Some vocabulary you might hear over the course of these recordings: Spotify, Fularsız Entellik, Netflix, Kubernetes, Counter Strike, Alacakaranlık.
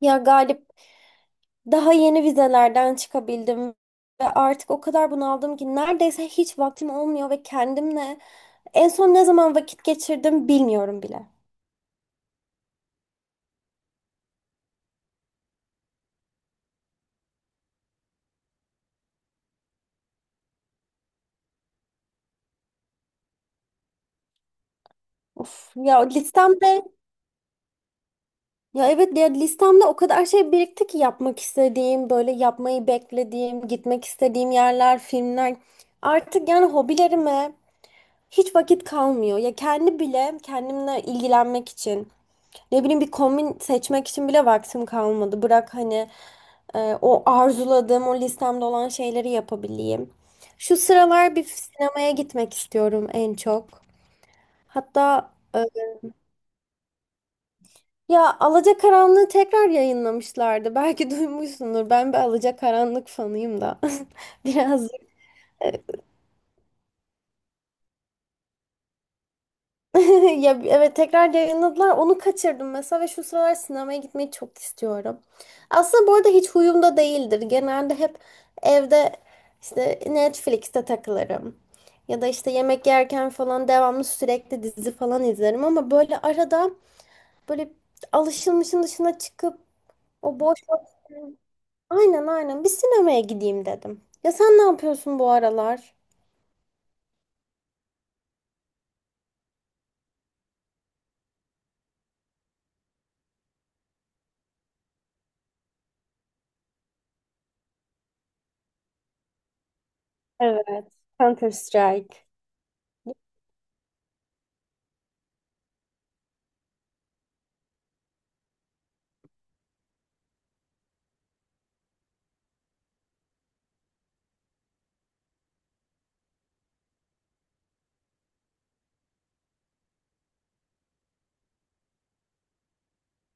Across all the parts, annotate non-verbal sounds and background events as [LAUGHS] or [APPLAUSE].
Ya Galip, daha yeni vizelerden çıkabildim ve artık o kadar bunaldım ki neredeyse hiç vaktim olmuyor ve kendimle en son ne zaman vakit geçirdim bilmiyorum bile. Of ya listemde Ya evet, ya listemde o kadar şey birikti ki yapmak istediğim, böyle yapmayı beklediğim, gitmek istediğim yerler, filmler, artık yani hobilerime hiç vakit kalmıyor. Ya kendi bile kendimle ilgilenmek için ne bileyim bir kombin seçmek için bile vaktim kalmadı. Bırak hani o arzuladığım, o listemde olan şeyleri yapabileyim. Şu sıralar bir sinemaya gitmek istiyorum en çok. Hatta e, ya Alacakaranlık'ı tekrar yayınlamışlardı. Belki duymuşsundur. Ben bir Alacakaranlık fanıyım da. [LAUGHS] Biraz. [LAUGHS] Ya evet, tekrar yayınladılar. Onu kaçırdım mesela ve şu sıralar sinemaya gitmeyi çok istiyorum. Aslında bu arada hiç huyumda değildir. Genelde hep evde işte Netflix'te takılırım. Ya da işte yemek yerken falan devamlı sürekli dizi falan izlerim, ama böyle arada böyle alışılmışın dışına çıkıp. o boş vakit- Aynen aynen, bir sinemaya gideyim dedim. Ya sen ne yapıyorsun bu aralar? Evet. Counter Strike.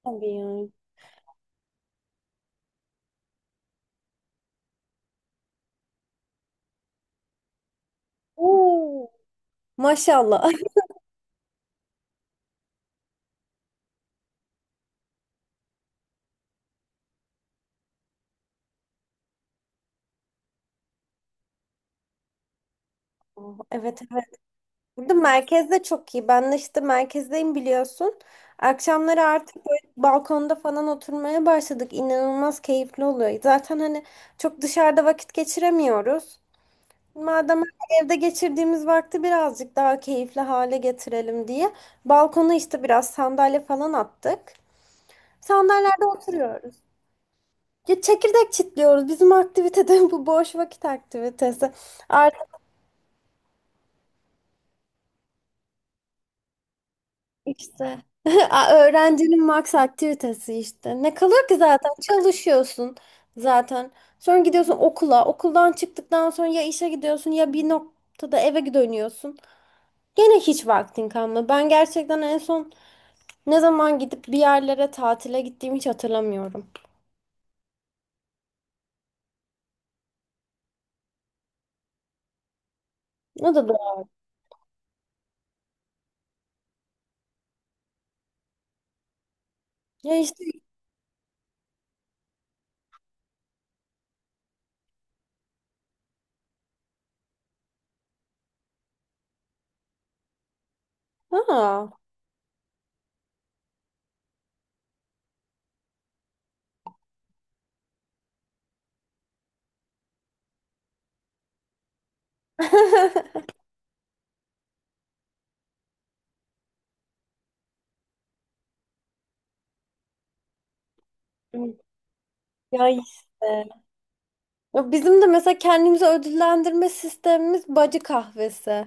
Tabii yani. Maşallah. [LAUGHS] Oh, evet evet. Burada merkez de çok iyi. Ben de işte merkezdeyim, biliyorsun. Akşamları artık böyle balkonda falan oturmaya başladık. İnanılmaz keyifli oluyor. Zaten hani çok dışarıda vakit geçiremiyoruz. Madem evde geçirdiğimiz vakti birazcık daha keyifli hale getirelim diye balkona işte biraz sandalye falan attık. Sandalyelerde oturuyoruz. Ya çekirdek çitliyoruz. Bizim aktivite de [LAUGHS] bu, boş vakit aktivitesi. İşte, [LAUGHS] öğrencinin max aktivitesi işte. Ne kalıyor ki, zaten çalışıyorsun zaten. Sonra gidiyorsun okula. Okuldan çıktıktan sonra ya işe gidiyorsun ya bir noktada eve dönüyorsun. Gene hiç vaktin kalmıyor. Ben gerçekten en son ne zaman gidip bir yerlere tatile gittiğimi hiç hatırlamıyorum. O da doğru. Ya işte, ha. [LAUGHS] Ya işte. Ya bizim de mesela kendimizi ödüllendirme sistemimiz bacı kahvesi.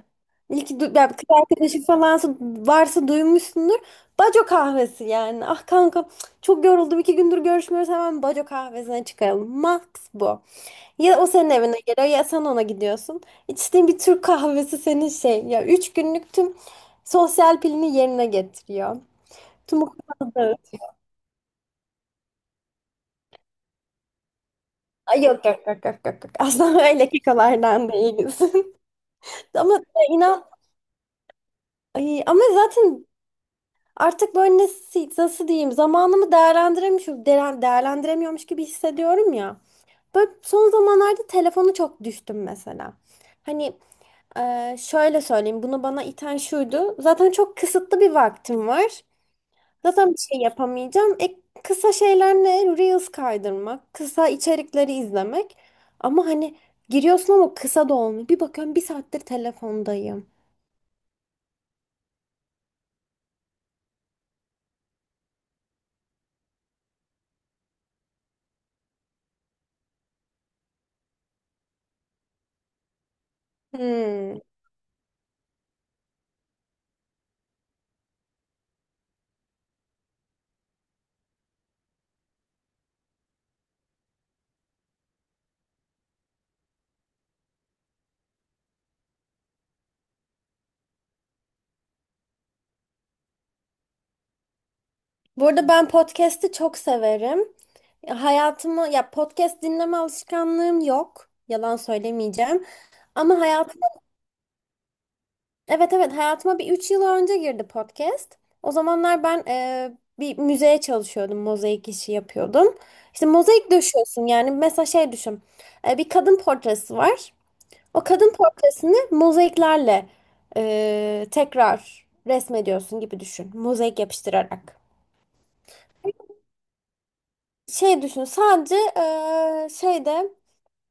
Ya, kız arkadaşı falan varsa duymuşsundur. Baco kahvesi yani. Ah kanka, çok yoruldum, 2 gündür görüşmüyoruz, hemen baco kahvesine çıkaralım. Max bu. Ya o senin evine geliyor ya sen ona gidiyorsun. İçtiğin bir Türk kahvesi, senin şey, ya 3 günlük tüm sosyal pilini yerine getiriyor. Tüm o Ay, yok yok yok yok yok. Yok. Aslında [LAUGHS] öyle kekalardan değiliz. [LAUGHS] Ama inan. Ay, ama zaten artık böyle, nasıl diyeyim, zamanımı değerlendiremiyorum, değerlendiremiyormuş gibi hissediyorum ya. Böyle son zamanlarda telefonu çok düştüm mesela. Hani şöyle söyleyeyim, bunu bana iten şuydu. Zaten çok kısıtlı bir vaktim var. Zaten bir şey yapamayacağım. Kısa şeyler ne? Reels kaydırmak, kısa içerikleri izlemek. Ama hani giriyorsun ama kısa da olmuyor. Bir bakıyorum bir saattir telefondayım. Hmm. Bu arada ben podcast'i çok severim. Ya, podcast dinleme alışkanlığım yok. Yalan söylemeyeceğim. Ama hayatım Evet evet, hayatıma bir 3 yıl önce girdi podcast. O zamanlar ben bir müzeye çalışıyordum. Mozaik işi yapıyordum. İşte mozaik döşüyorsun, yani mesela şey düşün. Bir kadın portresi var. O kadın portresini mozaiklerle tekrar resmediyorsun gibi düşün. Mozaik yapıştırarak. Şey düşün sadece, şeyde,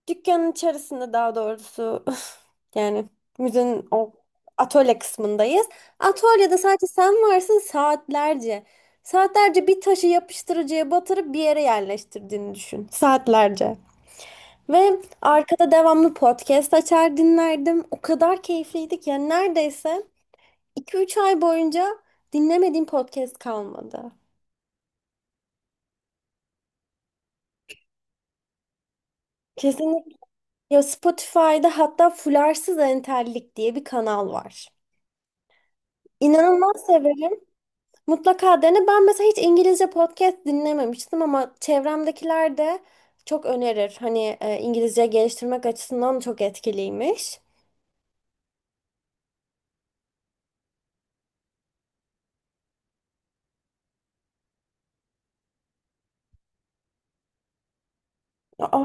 dükkanın içerisinde daha doğrusu. [LAUGHS] Yani müzenin o atölye kısmındayız. Atölyede sadece sen varsın saatlerce. Saatlerce bir taşı yapıştırıcıya batırıp bir yere yerleştirdiğini düşün. Saatlerce. Ve arkada devamlı podcast açar dinlerdim. O kadar keyifliydi ki, yani neredeyse 2-3 ay boyunca dinlemediğim podcast kalmadı. Kesinlikle. Ya Spotify'da hatta Fularsız Entellik diye bir kanal var. İnanılmaz severim. Mutlaka dene. Ben mesela hiç İngilizce podcast dinlememiştim ama çevremdekiler de çok önerir. Hani İngilizce geliştirmek açısından çok etkiliymiş. Aa,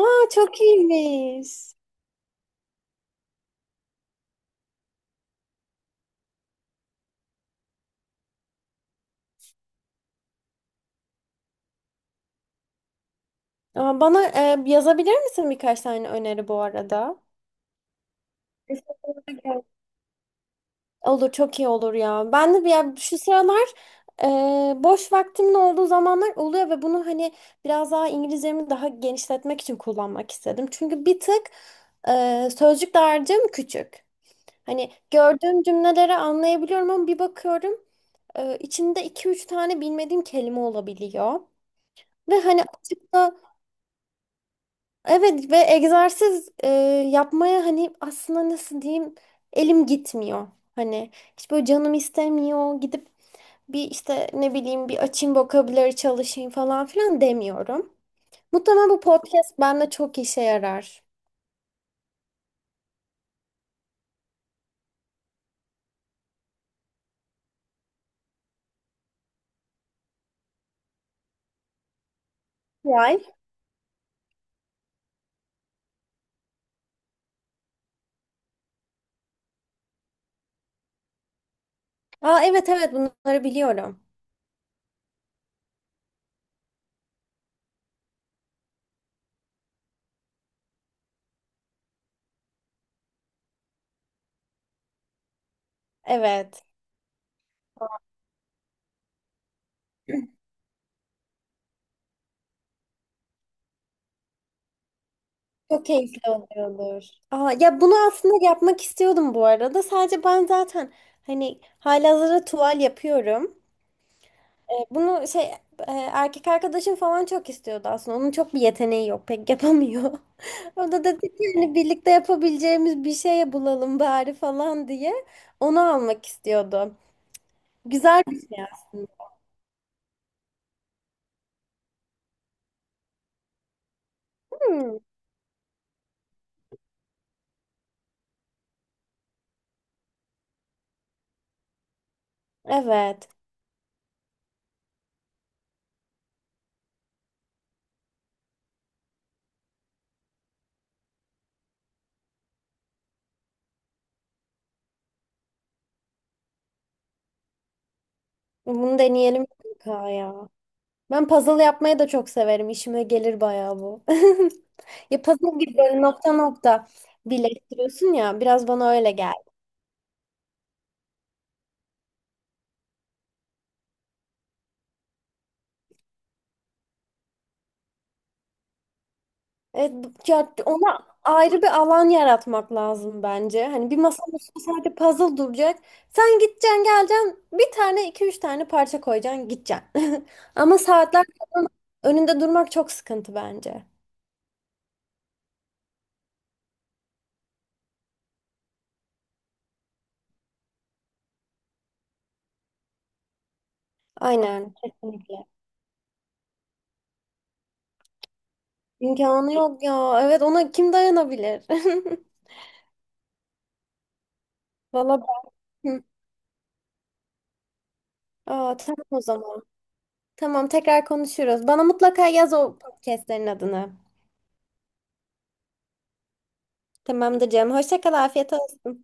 aa, çok iyiymiş. Aa, bana yazabilir misin birkaç tane öneri bu arada? Teşekkür ederim. Olur, çok iyi olur ya. Ben de bir, ya şu sıralar e, boş vaktimin olduğu zamanlar oluyor ve bunu hani biraz daha İngilizcemi daha genişletmek için kullanmak istedim. Çünkü bir tık sözcük dağarcığım küçük. Hani gördüğüm cümleleri anlayabiliyorum ama bir bakıyorum içinde iki üç tane bilmediğim kelime olabiliyor. Ve hani açıkta, evet, ve egzersiz yapmaya, hani aslında nasıl diyeyim, elim gitmiyor. Hani hiç böyle canım istemiyor. Gidip bir işte ne bileyim bir açayım vokabuları çalışayım falan filan demiyorum. Muhtemelen bu podcast bende çok işe yarar. Yay. Aa, evet evet, bunları biliyorum. Evet. [LAUGHS] Çok keyifli oluyordur. Aa, ya bunu aslında yapmak istiyordum bu arada. Sadece ben zaten hani halihazırda tuval yapıyorum. Bunu şey, erkek arkadaşım falan çok istiyordu aslında. Onun çok bir yeteneği yok. Pek yapamıyor. [LAUGHS] O da dedi ki hani birlikte yapabileceğimiz bir şey bulalım bari falan diye. Onu almak istiyordu. Güzel bir şey aslında. Hmm, evet. Bunu deneyelim mutlaka ya. Ben puzzle yapmayı da çok severim. İşime gelir bayağı bu. [LAUGHS] Ya puzzle gibi böyle nokta nokta birleştiriyorsun ya. Biraz bana öyle geldi. Evet. Ya ona ayrı bir alan yaratmak lazım bence. Hani bir masanın üstünde sadece puzzle duracak. Sen gideceksin, geleceksin. Bir tane, iki, üç tane parça koyacaksın, gideceksin. [LAUGHS] Ama saatler falan önünde durmak çok sıkıntı bence. Aynen, kesinlikle. İmkanı yok ya. Evet, ona kim dayanabilir? [LAUGHS] Valla ben. Hı. Aa, tamam o zaman. Tamam, tekrar konuşuruz. Bana mutlaka yaz o podcastlerin adını. Tamamdır canım. Hoşça kal, afiyet olsun.